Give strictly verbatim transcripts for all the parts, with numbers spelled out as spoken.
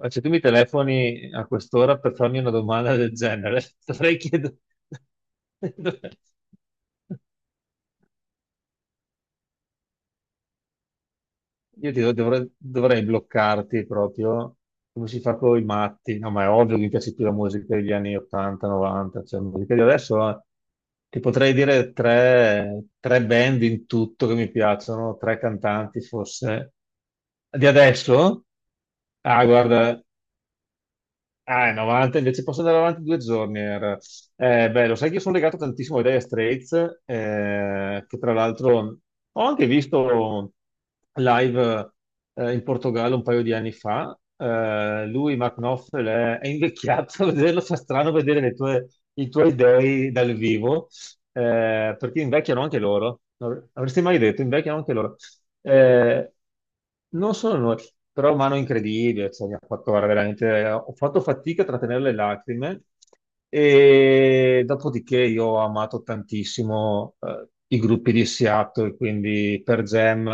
Ma se tu mi telefoni a quest'ora per farmi una domanda del genere, dovrei chiedere... Io ti dov- dovrei, dovrei bloccarti proprio come si fa con i matti. No, ma è ovvio che mi piace più la musica degli anni ottanta, novanta, cioè la musica di adesso eh, ti potrei dire tre, tre band in tutto che mi piacciono, tre cantanti forse. Di adesso? Ah, guarda. Ah, è novanta, invece posso andare avanti due giorni. Era. Eh, beh, lo sai che io sono legato tantissimo ai Dire Straits, eh, che tra l'altro ho anche visto live eh, in Portogallo un paio di anni fa. Eh, lui, Mark Knopfler, è, è invecchiato. Vederlo fa strano, vedere le tue- i tuoi dei dal vivo, eh, perché invecchiano anche loro. Non avresti mai detto, invecchiano anche loro. Eh, non solo noi, però mano incredibile, cioè, mi ha fatto guarda, veramente, ho fatto fatica a trattenere le lacrime, e dopodiché io ho amato tantissimo eh, i gruppi di Seattle, quindi per Jam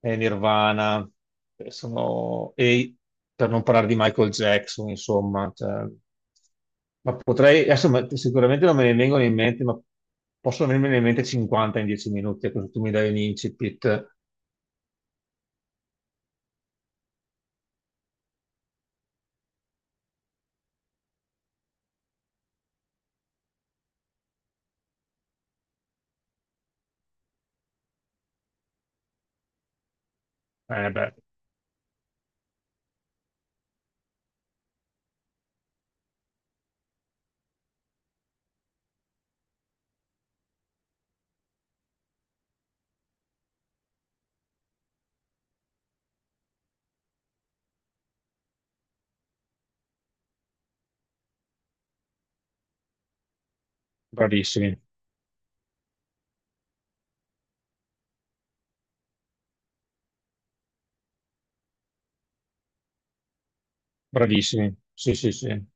e Nirvana, che sono- e per non parlare di Michael Jackson, insomma, cioè, ma potrei, adesso ma- sicuramente non me ne vengono in mente, ma possono venirmene in mente cinquanta in dieci minuti, così tu mi dai un incipit. Eh beh, bravissimi, bravissimi. Sì, sì, sì. No,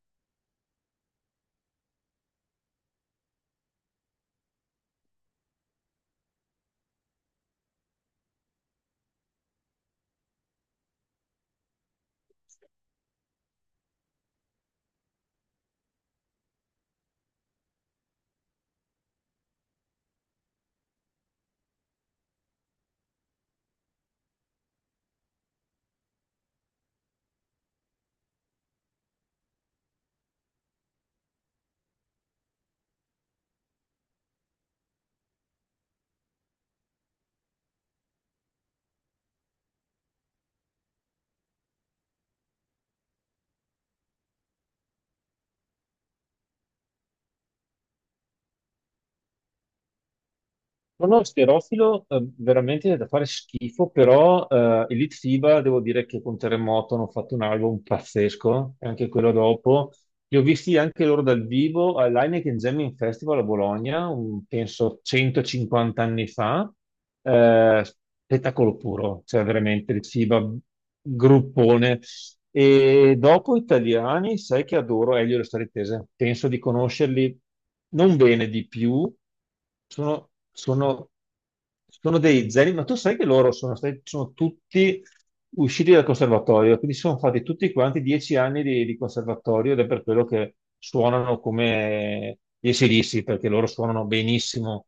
no, Schierofilo eh, veramente è da fare schifo, però eh, Elite FIBA devo dire che con Terremoto hanno fatto un album pazzesco, e anche quello dopo. Li ho visti anche loro dal vivo all'Heineken Jamming Festival a Bologna, un- penso centocinquanta anni fa. Eh, spettacolo puro, cioè veramente Elite FIBA, gruppone. E dopo italiani, sai che adoro Elio e le storie tese. Penso di conoscerli non bene di più. Sono, sono- sono dei zeri, ma tu sai che loro sono stati, sono tutti usciti dal conservatorio, quindi sono fatti tutti quanti dieci anni di, di conservatorio ed è per quello che suonano come gli ac, perché loro suonano benissimo,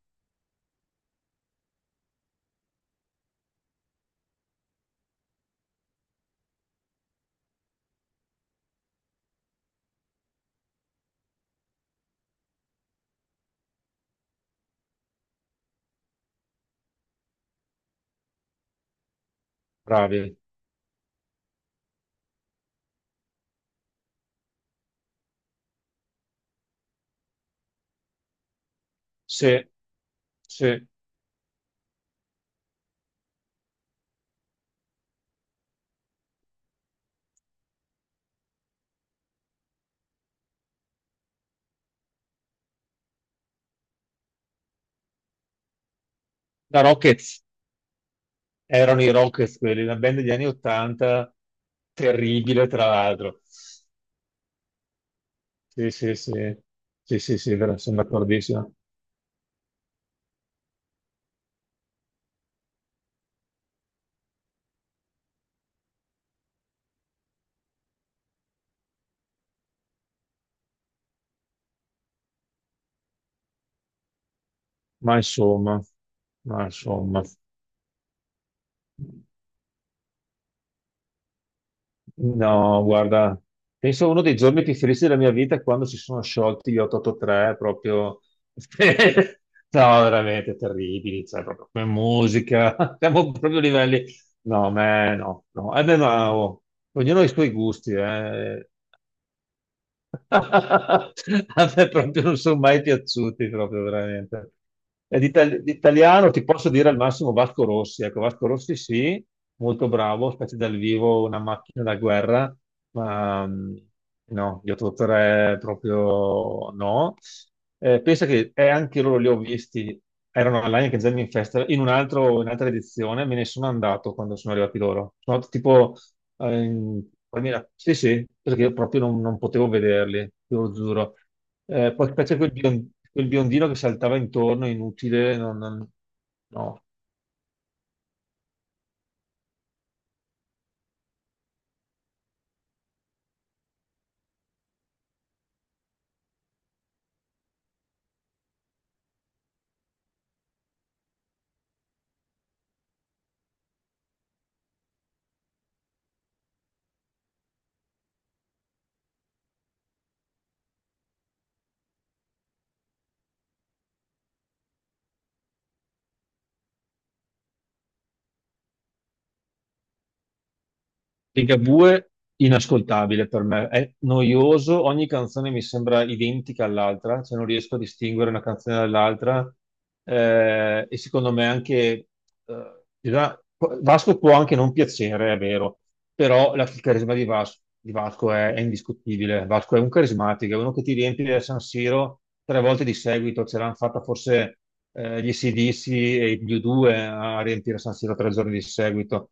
bravi. Se, se, da Rockets. Erano i Rockets quelli, una band degli anni Ottanta, terribile tra l'altro. Sì, sì, sì, sì, sì, sì, vero, sono d'accordissimo. Ma insomma, ma insomma, no, guarda, penso uno dei giorni più felici della mia vita è quando si sono sciolti gli otto otto tre, proprio... No, veramente terribili, cioè, proprio come musica, siamo proprio a livelli... No, me no, no, eh beh, ma, oh, ognuno ha i suoi gusti, eh. A me proprio non sono mai piaciuti, proprio veramente. E di itali- di italiano ti posso dire al massimo Vasco Rossi. Ecco, Vasco Rossi sì, molto bravo, specie dal vivo, una macchina da guerra, ma mm, no, gli otto otto tre proprio no. Eh, pensa che eh, anche loro li ho visti, erano all'Heineken Jamming Festival, in un altro- in un'altra edizione me ne sono andato quando sono arrivati loro. Sono andato tipo eh, poi mi era- sì, sì, perché io proprio non, non potevo vederli, te lo giuro. Eh, poi c'è quel, bion- quel biondino che saltava intorno, inutile, non, non- no, Ligabue inascoltabile per me, è noioso, ogni canzone mi sembra identica all'altra, cioè non riesco a distinguere una canzone dall'altra eh, e secondo me anche eh, in realtà, Vasco può anche non piacere, è vero, però la- il carisma di Vas- di Vasco, è, è indiscutibile. Vasco è un carismatico, è uno che ti riempie a San Siro tre volte di seguito, ce l'hanno fatta forse eh, gli ac e gli U due a riempire San Siro tre giorni di seguito.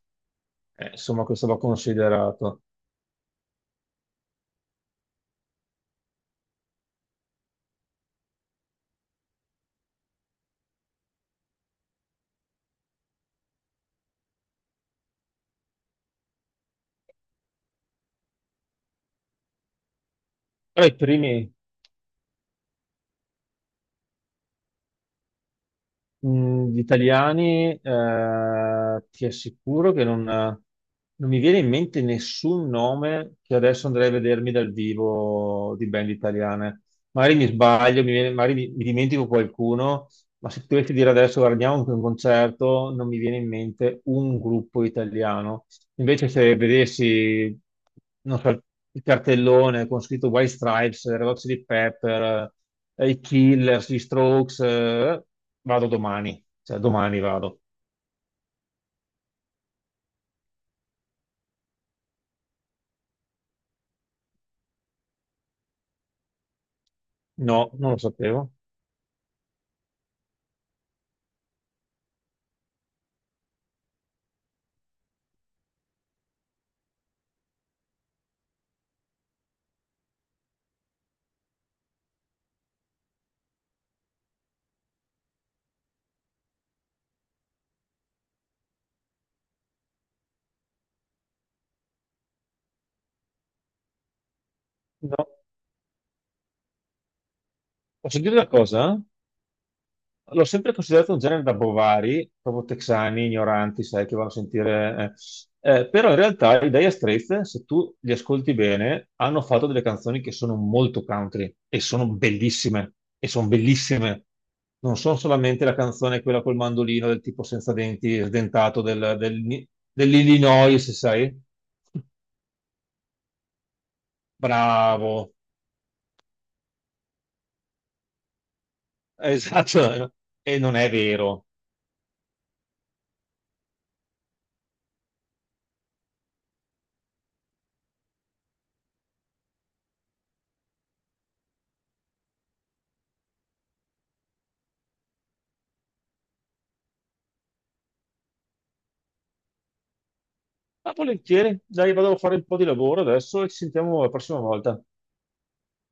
Eh, insomma, questo va considerato. Però i primi mh, gli italiani, eh, ti assicuro che non, non mi viene in mente nessun nome che adesso andrei a vedermi dal vivo di band italiane. Magari mi sbaglio, mi viene- magari mi, mi dimentico qualcuno, ma se dovessi dire adesso guardiamo anche un concerto, non mi viene in mente un gruppo italiano. Invece se vedessi, non so, il cartellone con scritto White Stripes, Red Hot Chili Pepper, eh, i Killers, gli Strokes, eh, vado domani, cioè domani vado. No, non lo sapevo. No. Posso dire una cosa? L'ho sempre considerato un genere da bovari, proprio texani, ignoranti, sai, che vanno a sentire... eh. Eh, però in realtà i Dire Straits, se tu li ascolti bene, hanno fatto delle canzoni che sono molto country e sono bellissime, e sono bellissime. Non sono solamente la canzone quella col mandolino del tipo senza denti, sdentato del- del- dell'Illinois, sai? Bravo, esatto, e non è vero. Ma volentieri, dai, vado a fare un po' di lavoro adesso e ci sentiamo la prossima volta.